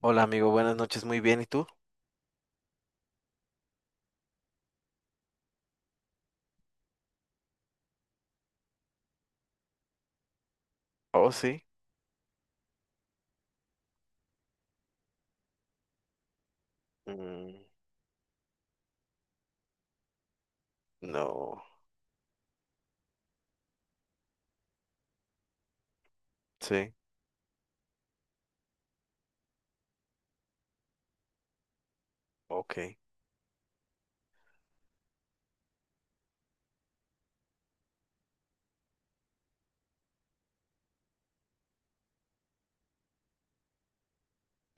Hola amigo, buenas noches, muy bien, ¿y tú? Oh, sí. Mm, no, sí, ok.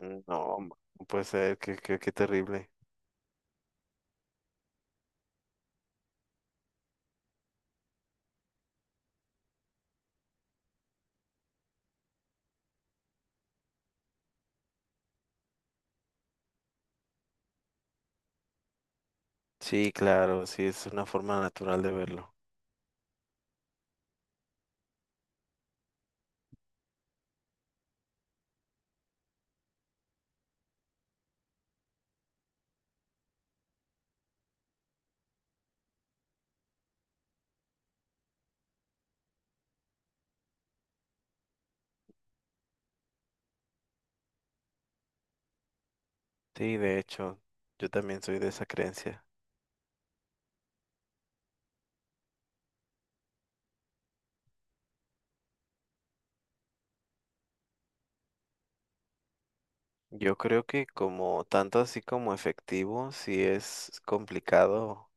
Mm, no, no puede ser, qué terrible. Sí, claro, sí, es una forma natural de verlo. Sí, de hecho, yo también soy de esa creencia. Yo creo que como tanto así como efectivo, sí es complicado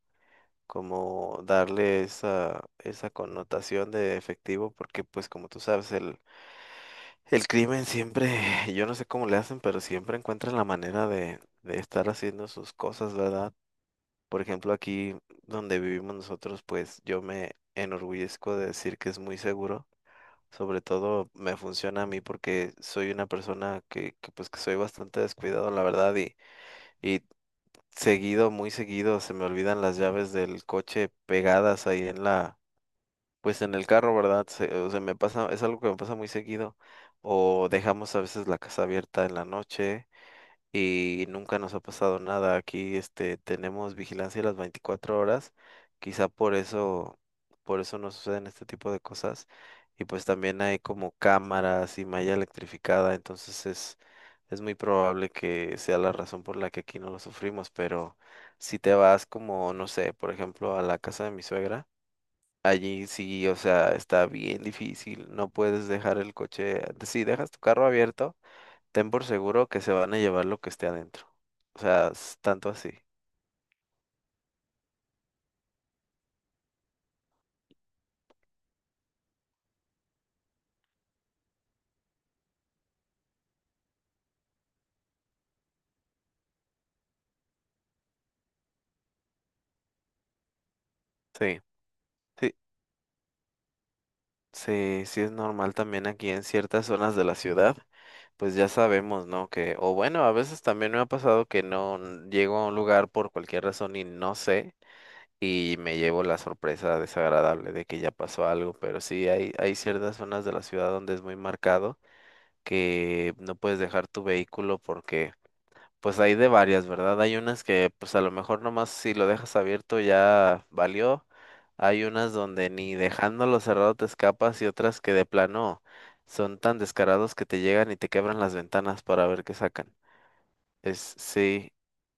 como darle esa, esa connotación de efectivo, porque pues como tú sabes, el crimen siempre, yo no sé cómo le hacen, pero siempre encuentran la manera de estar haciendo sus cosas, ¿verdad? Por ejemplo, aquí donde vivimos nosotros, pues yo me enorgullezco de decir que es muy seguro. Sobre todo me funciona a mí porque soy una persona que, pues que soy bastante descuidado, la verdad, y seguido, muy seguido, se me olvidan las llaves del coche pegadas ahí en la pues en el carro, ¿verdad? Se, o sea, me pasa, es algo que me pasa muy seguido. O dejamos a veces la casa abierta en la noche y nunca nos ha pasado nada. Aquí, este, tenemos vigilancia las 24 horas. Quizá por eso no suceden este tipo de cosas. Y pues también hay como cámaras y malla electrificada, entonces es muy probable que sea la razón por la que aquí no lo sufrimos. Pero si te vas como, no sé, por ejemplo, a la casa de mi suegra. Allí sí, o sea, está bien difícil, no puedes dejar el coche, si dejas tu carro abierto, ten por seguro que se van a llevar lo que esté adentro. O sea, es tanto así. Sí, sí, sí, sí es normal también aquí en ciertas zonas de la ciudad, pues ya sabemos, ¿no? Que, o bueno, a veces también me ha pasado que no n- llego a un lugar por cualquier razón y no sé, y me llevo la sorpresa desagradable de que ya pasó algo, pero sí hay ciertas zonas de la ciudad donde es muy marcado que no puedes dejar tu vehículo porque pues hay de varias, ¿verdad? Hay unas que pues a lo mejor nomás si lo dejas abierto ya valió. Hay unas donde ni dejándolo cerrado te escapas y otras que de plano son tan descarados que te llegan y te quebran las ventanas para ver qué sacan. Es sí,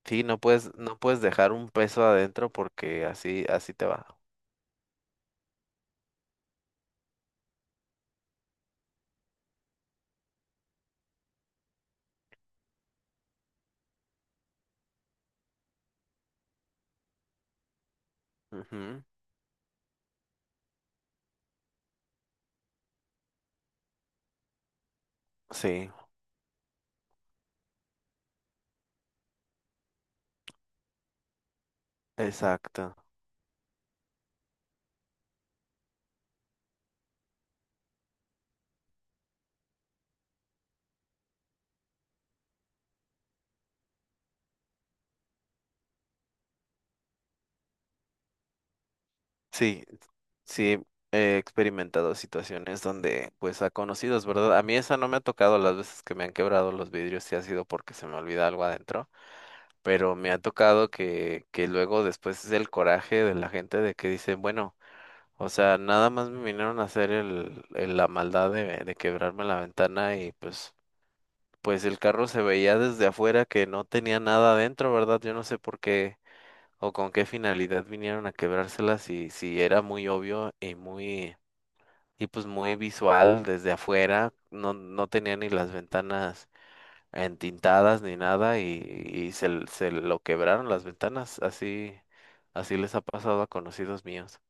sí, no puedes, no puedes dejar un peso adentro porque así, así te va. Ujú, sí, exacto. Sí, sí, he experimentado situaciones donde, pues, a conocidos, ¿verdad? A mí esa no me ha tocado las veces que me han quebrado los vidrios, y ha sido porque se me olvida algo adentro, pero me ha tocado que luego después es el coraje de la gente de que dicen, bueno, o sea, nada más me vinieron a hacer la maldad de quebrarme la ventana y pues, pues el carro se veía desde afuera que no tenía nada adentro, ¿verdad? Yo no sé por qué o con qué finalidad vinieron a quebrársela si, si era muy obvio y muy, y pues muy visual desde afuera, no, no tenía ni las ventanas entintadas ni nada y, y se, se lo quebraron las ventanas, así, así les ha pasado a conocidos míos.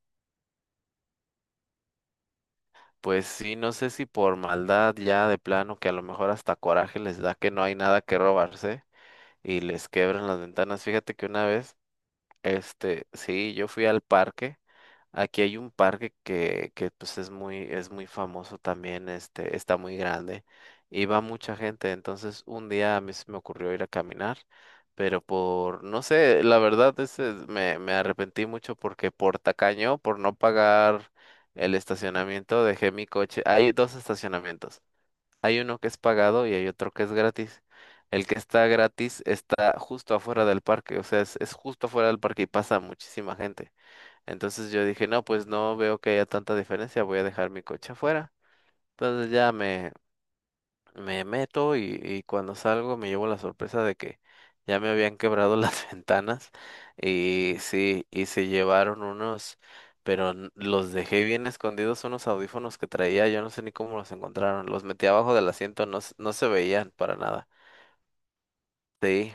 Pues sí, no sé si por maldad ya de plano, que a lo mejor hasta coraje les da que no hay nada que robarse y les quebran las ventanas. Fíjate que una vez este, sí, yo fui al parque. Aquí hay un parque que pues es muy famoso también, este, está muy grande y va mucha gente. Entonces, un día a mí se me ocurrió ir a caminar, pero por, no sé, la verdad me, me arrepentí mucho porque por tacaño, por no pagar el estacionamiento, dejé mi coche. Hay dos estacionamientos. Hay uno que es pagado y hay otro que es gratis. El que está gratis está justo afuera del parque, o sea, es justo afuera del parque y pasa muchísima gente. Entonces yo dije, no, pues no veo que haya tanta diferencia, voy a dejar mi coche afuera. Entonces ya me meto y cuando salgo me llevo la sorpresa de que ya me habían quebrado las ventanas y sí, y se llevaron unos, pero los dejé bien escondidos unos audífonos que traía, yo no sé ni cómo los encontraron, los metí abajo del asiento, no, no se veían para nada. Sí,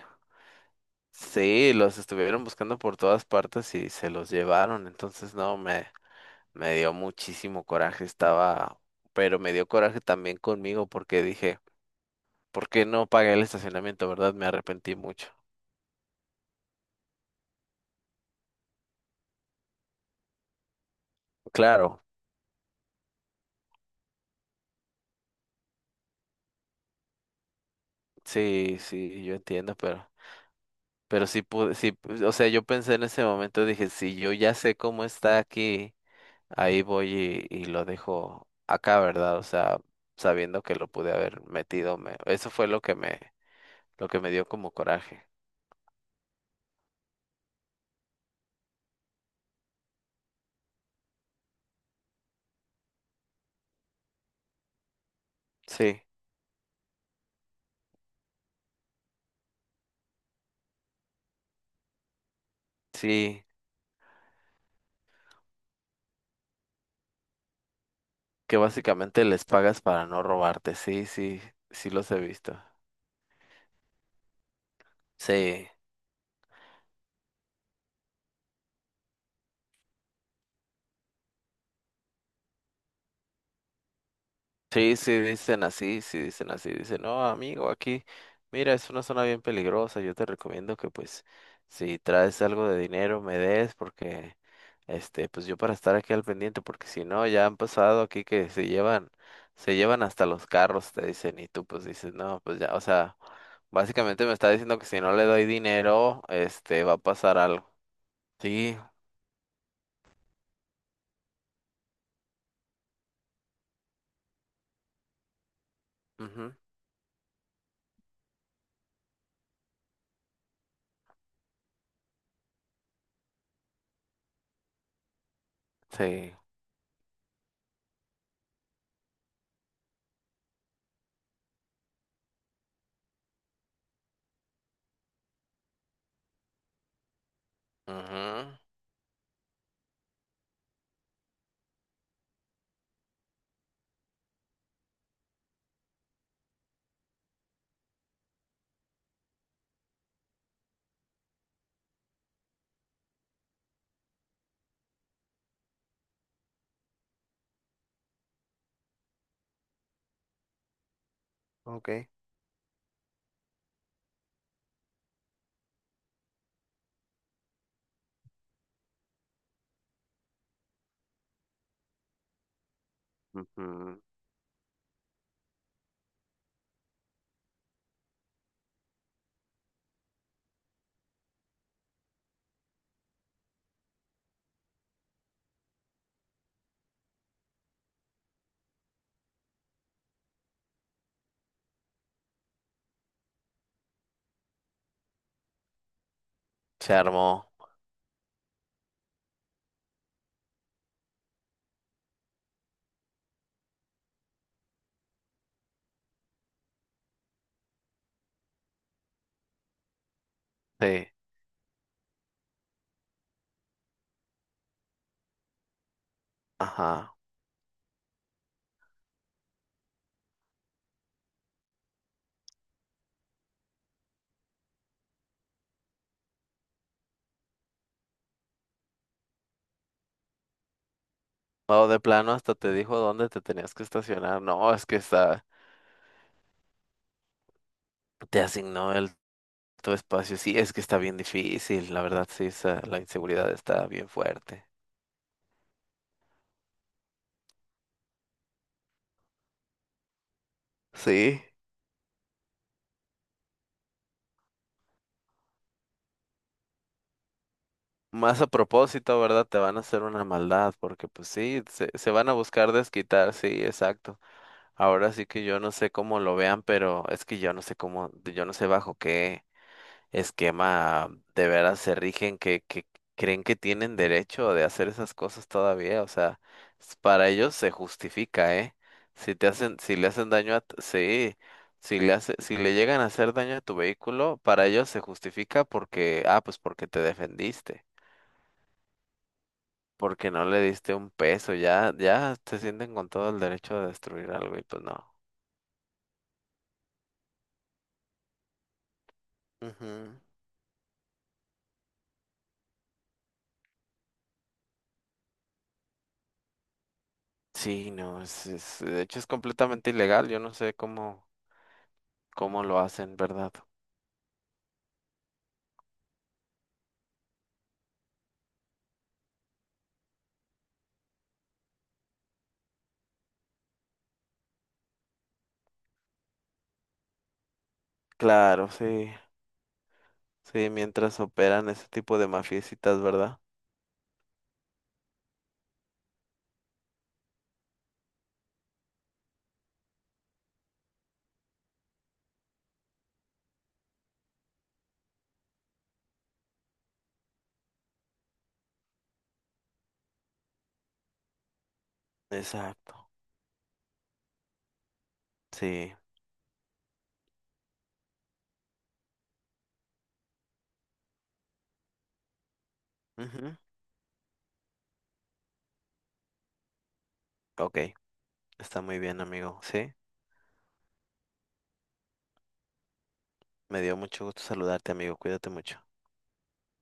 sí, los estuvieron buscando por todas partes y se los llevaron, entonces no, me dio muchísimo coraje, estaba, pero me dio coraje también conmigo porque dije, porque no pagué el estacionamiento, ¿verdad? Me arrepentí mucho. Claro, sí, sí, yo entiendo, pero sí pude, sí, pues, o sea, yo pensé en ese momento, dije, si yo ya sé cómo está aquí, ahí voy y lo dejo acá, ¿verdad? O sea, sabiendo que lo pude haber metido, me, eso fue lo que me dio como coraje. Sí, sí, que básicamente les pagas para no robarte, sí, sí, sí los he visto. Sí. Sí, sí, dicen así, dicen, no, amigo, aquí, mira, es una zona bien peligrosa, yo te recomiendo que pues si traes algo de dinero me des porque, este, pues yo para estar aquí al pendiente, porque si no, ya han pasado aquí que se llevan hasta los carros, te dicen, y tú pues dices, no, pues ya, o sea, básicamente me está diciendo que si no le doy dinero, este, va a pasar algo. Sí, ujú, sí, ujú, ok. Se armó, sí, ajá. O de plano hasta te dijo dónde te tenías que estacionar. No, es que está, te asignó el tu espacio. Sí, es que está bien difícil. La verdad, sí, la inseguridad está bien fuerte. Sí, más a propósito, ¿verdad? Te van a hacer una maldad, porque pues sí, se van a buscar desquitar, sí, exacto. Ahora sí que yo no sé cómo lo vean, pero es que yo no sé cómo, yo no sé bajo qué esquema de veras se rigen, que creen que tienen derecho de hacer esas cosas todavía, o sea, para ellos se justifica, ¿eh? Si te hacen, si le hacen daño a, t- sí, si le hace, si le llegan a hacer daño a tu vehículo, para ellos se justifica porque, ah, pues porque te defendiste, porque no le diste un peso, ya, ya se sienten con todo el derecho de destruir algo y pues no. Ujú. Sí, no, es, de hecho es completamente ilegal, yo no sé cómo, cómo lo hacen, ¿verdad? Claro, sí, sí, mientras operan ese tipo de mafiecitas, ¿verdad? Exacto, sí. Ujú. Ok, está muy bien, amigo. Sí, me dio mucho gusto saludarte, amigo. Cuídate mucho.